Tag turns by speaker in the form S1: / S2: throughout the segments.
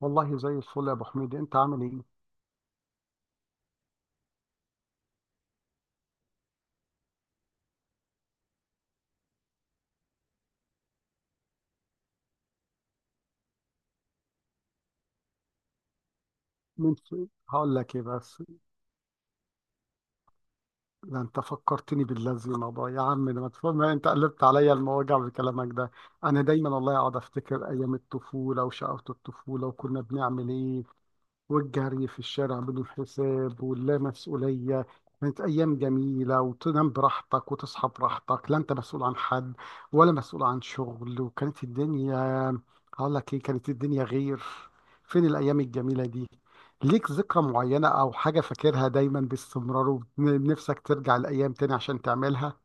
S1: والله زي الفل يا ابو حميد، انت عامل ايه؟ هقول لك ايه بس. ده انت فكرتني باللازمه بقى يا عم، ده ما تفهم، انت قلبت عليا المواجع بكلامك ده. انا دايما والله اقعد افتكر ايام الطفوله وشقاوه الطفوله وكنا بنعمل ايه، والجري في الشارع بدون حساب واللا مسؤولية. كانت أيام جميلة، وتنام براحتك وتصحى براحتك، لا أنت مسؤول عن حد ولا مسؤول عن شغل. وكانت الدنيا، هقول لك إيه، كانت الدنيا غير. فين الأيام الجميلة دي؟ ليك ذكرى معينة أو حاجة فاكرها دايما باستمرار ونفسك ترجع الأيام تاني عشان تعملها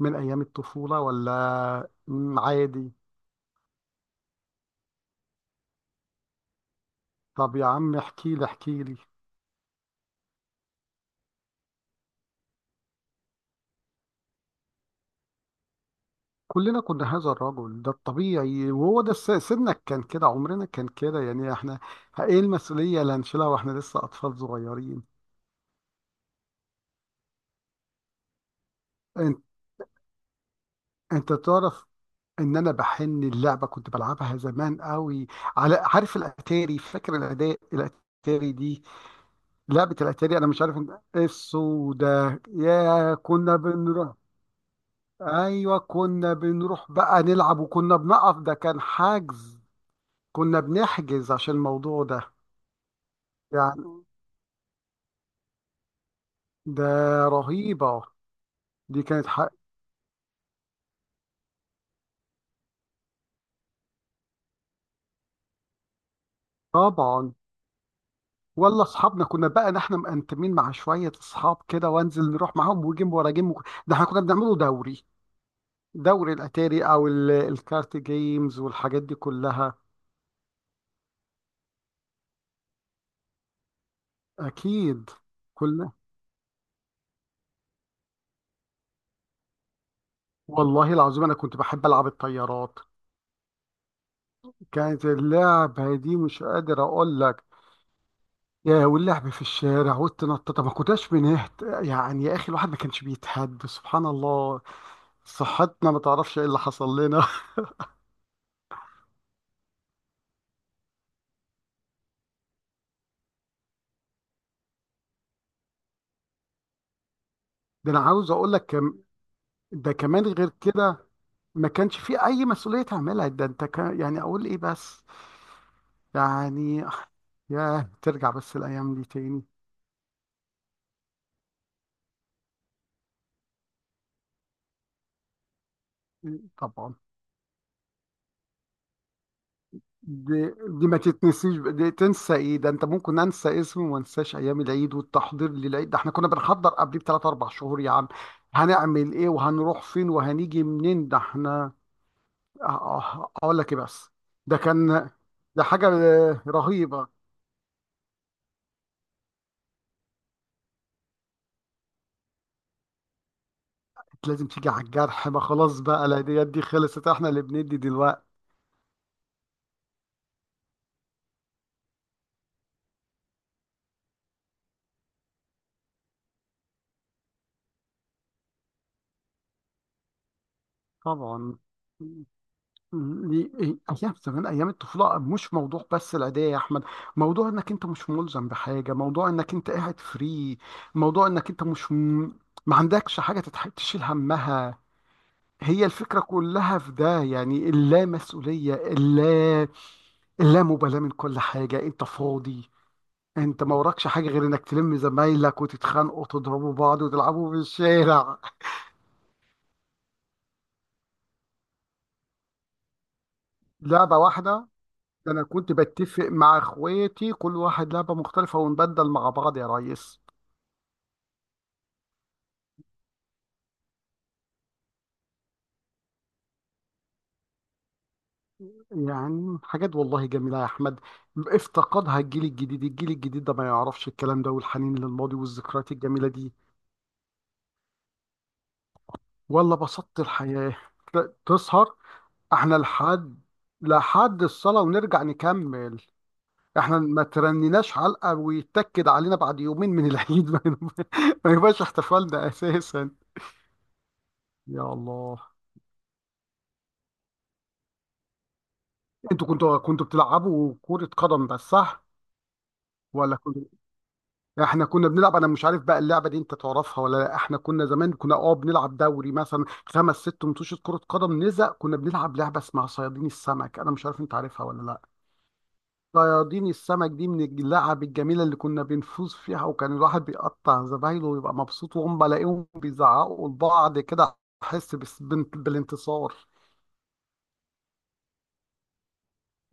S1: من أيام الطفولة، ولا عادي؟ طب يا عم احكي لي احكي لي. كلنا كنا هذا الرجل، ده الطبيعي، وهو ده سنك، كان كده، عمرنا كان كده يعني. احنا ايه المسؤولية اللي هنشيلها واحنا لسه اطفال صغيرين؟ انت انت تعرف ان انا بحن اللعبة كنت بلعبها زمان قوي. على عارف الاتاري، فاكر الاداء الاتاري دي، لعبة الاتاري. انا مش عارف ان السودا، يا كنا بنروح. ايوه كنا بنروح بقى نلعب، وكنا بنقف، ده كان حجز. كنا بنحجز عشان الموضوع ده يعني. ده رهيبة. دي كانت حق طبعا. ولا اصحابنا كنا بقى احنا مقنتمين مع شوية اصحاب كده، وانزل نروح معاهم، وجيم ورا جيم، ده احنا كنا بنعمله دوري. دوري الاتاري او الكارت جيمز والحاجات دي كلها. اكيد كلنا. والله العظيم انا كنت بحب العب الطيارات. كانت اللعبة دي مش قادر اقول لك. يا واللعب في الشارع والتنطط، ما كناش بنهت يعني يا اخي. الواحد ما كانش بيتهد، سبحان الله. صحتنا، ما تعرفش ايه اللي حصل لنا. ده انا عاوز اقول لك كم. ده كمان غير كده. ما كانش في اي مسؤوليه تعملها، ده انت كان يعني اقول ايه بس. يعني يا ترجع بس الايام دي تاني. طبعا. دي, دي ما تتنسيش، دي تنسى ايه؟ ده انت ممكن انسى اسمه وما انساش ايام العيد والتحضير للعيد. ده احنا كنا بنحضر قبليه بثلاث اربع شهور يا عم. هنعمل ايه وهنروح فين وهنيجي منين، ده احنا. اقول لك ايه بس. ده كان، ده حاجة رهيبة. كانت لازم تيجي على الجرح، ما خلاص بقى العيديات دي خلصت، احنا اللي بندي دلوقتي. طبعا. دي ايام زمان، ايام الطفوله، مش موضوع بس العيديه يا احمد. موضوع انك انت مش ملزم بحاجه، موضوع انك انت قاعد فري. موضوع انك انت مش م... ما عندكش حاجه تشيل همها. هي الفكره كلها في ده يعني، اللا مسؤوليه، اللامبالاه من كل حاجه، انت فاضي. انت ما وراكش حاجه غير انك تلم زمايلك وتتخانقوا وتضربوا بعض وتلعبوا في الشارع. لعبه واحده. ده انا كنت بتفق مع اخواتي، كل واحد لعبه مختلفه ونبدل مع بعض يا ريس. يعني حاجات والله جميله يا احمد، افتقدها الجيل الجديد. الجيل الجديد ده ما يعرفش الكلام ده والحنين للماضي والذكريات الجميله دي. ولا بسطت الحياه. تسهر. احنا لحد الصلاه ونرجع نكمل. احنا ما ترنيناش علقه ويتاكد علينا بعد يومين من العيد ما يبقاش احتفالنا اساسا. يا الله. انتوا كنتوا بتلعبوا كرة قدم بس، صح؟ ولا كنتوا، احنا كنا بنلعب. انا مش عارف بقى اللعبة دي انت تعرفها ولا لا. احنا كنا زمان كنا بنلعب دوري مثلا خمس ست متوشة كرة قدم نزق. كنا بنلعب لعبة اسمها صيادين السمك، انا مش عارف انت عارفها ولا لا. صيادين السمك دي من اللعب الجميلة اللي كنا بنفوز فيها، وكان الواحد بيقطع زمايله ويبقى مبسوط، وهم بلاقيهم بيزعقوا لبعض كده. احس بالانتصار.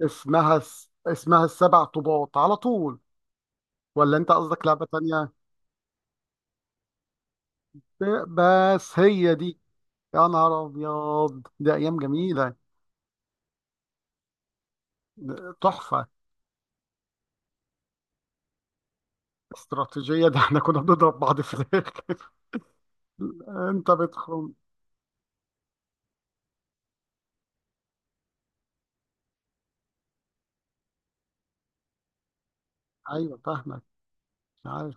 S1: اسمها اسمها السبع طوبات على طول. ولا انت قصدك لعبة تانية؟ بس هي دي. يا نهار ابيض، دي ايام جميله. ده تحفه. استراتيجيه. ده احنا كنا بنضرب بعض في الاخر. انت بتخم. ايوه فاهمك. مش عارف.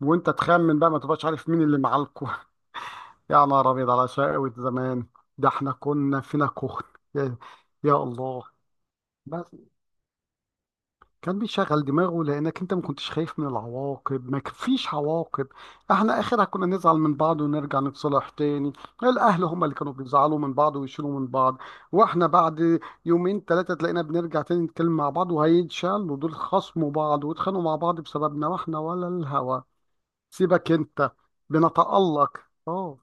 S1: وانت تخمن بقى، ما تبقاش عارف مين اللي معاكوا. يا نهار ابيض على شقاوة زمان. ده احنا كنا فينا كخن. يا يا الله. بس كان بيشغل دماغه، لانك انت ما كنتش خايف من العواقب، ما فيش عواقب. احنا اخرها كنا نزعل من بعض ونرجع نتصالح تاني. الاهل هم اللي كانوا بيزعلوا من بعض ويشيلوا من بعض. واحنا بعد يومين ثلاثة تلاقينا بنرجع تاني نتكلم مع بعض، وهيتشالوا دول خصموا بعض واتخانقوا مع بعض بسببنا، واحنا ولا الهوى. سيبك انت. بنتألق. اه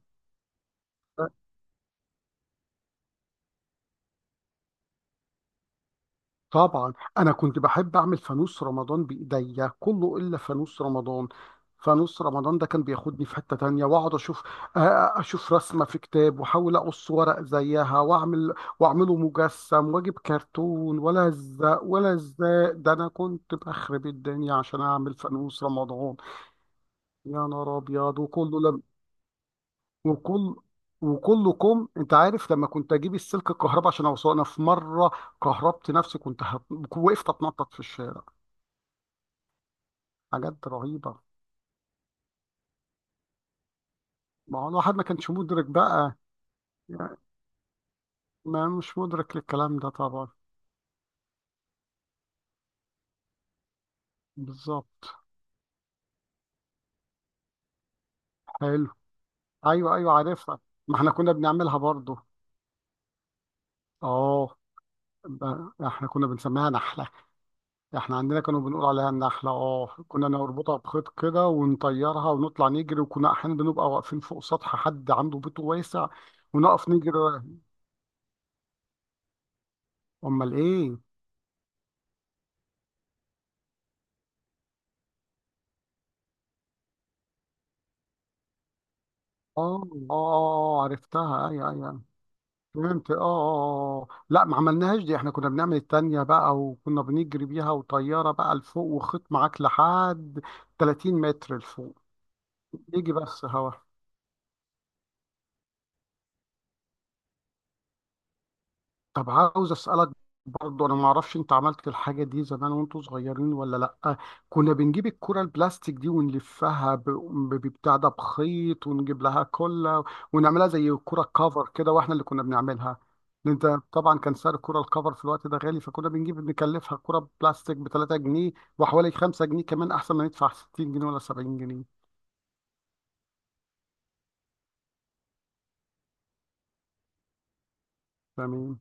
S1: طبعا، انا كنت بحب اعمل فانوس رمضان بايديا. كله الا فانوس رمضان. فانوس رمضان ده كان بياخدني في حتة تانية. واقعد اشوف رسمة في كتاب، واحاول اقص ورق زيها، واعمله مجسم، واجيب كرتون ولا الزق. ده انا كنت بخرب الدنيا عشان اعمل فانوس رمضان. يا نهار ابيض وكله لم. وكل وكله كم. انت عارف لما كنت اجيب السلك الكهرباء عشان اوصله، انا في مره كهربت نفسي، وقفت اتنطط في الشارع. حاجات رهيبة. ما هو الواحد ما كانش مدرك بقى. يعني ما مش مدرك للكلام ده طبعا. بالظبط. حلو. ايوه ايوه عارفها. ما احنا كنا بنعملها برضو. اه، احنا كنا بنسميها نحلة. احنا عندنا كانوا بنقول عليها النحلة. اه كنا نربطها بخيط كده ونطيرها ونطلع نجري، وكنا احيانا بنبقى واقفين فوق سطح حد عنده بيت واسع. ونقف نجري. امال ايه. اه اه اه عرفتها، ايوه ايوه. فهمت اه لا ما عملناهاش دي، احنا كنا بنعمل التانية بقى وكنا بنجري بيها، وطيارة بقى لفوق وخيط معاك لحد 30 متر لفوق. يجي بس هوا. طب عاوز اسالك، برضه انا ما اعرفش انت عملت الحاجه دي زمان وانتوا صغيرين ولا لا؟ كنا بنجيب الكره البلاستيك دي ونلفها ببتاع ده بخيط، ونجيب لها كله ونعملها زي الكره كفر كده، واحنا اللي كنا بنعملها. انت. طبعا كان سعر الكره الكفر في الوقت ده غالي، فكنا بنجيب نكلفها كره بلاستيك ب 3 جنيه وحوالي 5 جنيه، كمان احسن ما ندفع 60 جنيه ولا 70 جنيه. تمام.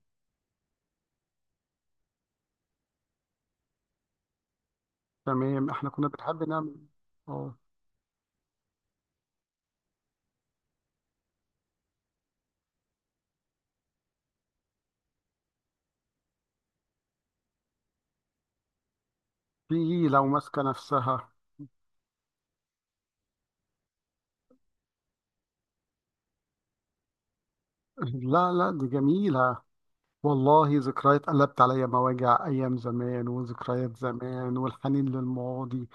S1: تمام احنا كنا بنحب نعمل. اه، في إيه لو ماسكه نفسها. لا لا دي جميله. والله ذكريات قلبت عليا مواجع، أيام زمان وذكريات زمان والحنين للماضي.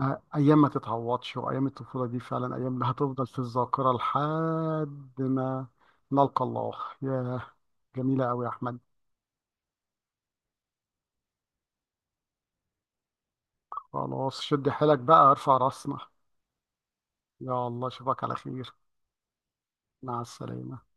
S1: أيام ما تتعوضش، وأيام الطفولة دي فعلا أيام هتفضل في الذاكرة لحد ما نلقى الله. يا جميلة أوي يا أحمد. خلاص، شد حيلك بقى، ارفع راسنا. يا الله، أشوفك على خير. مع السلامة.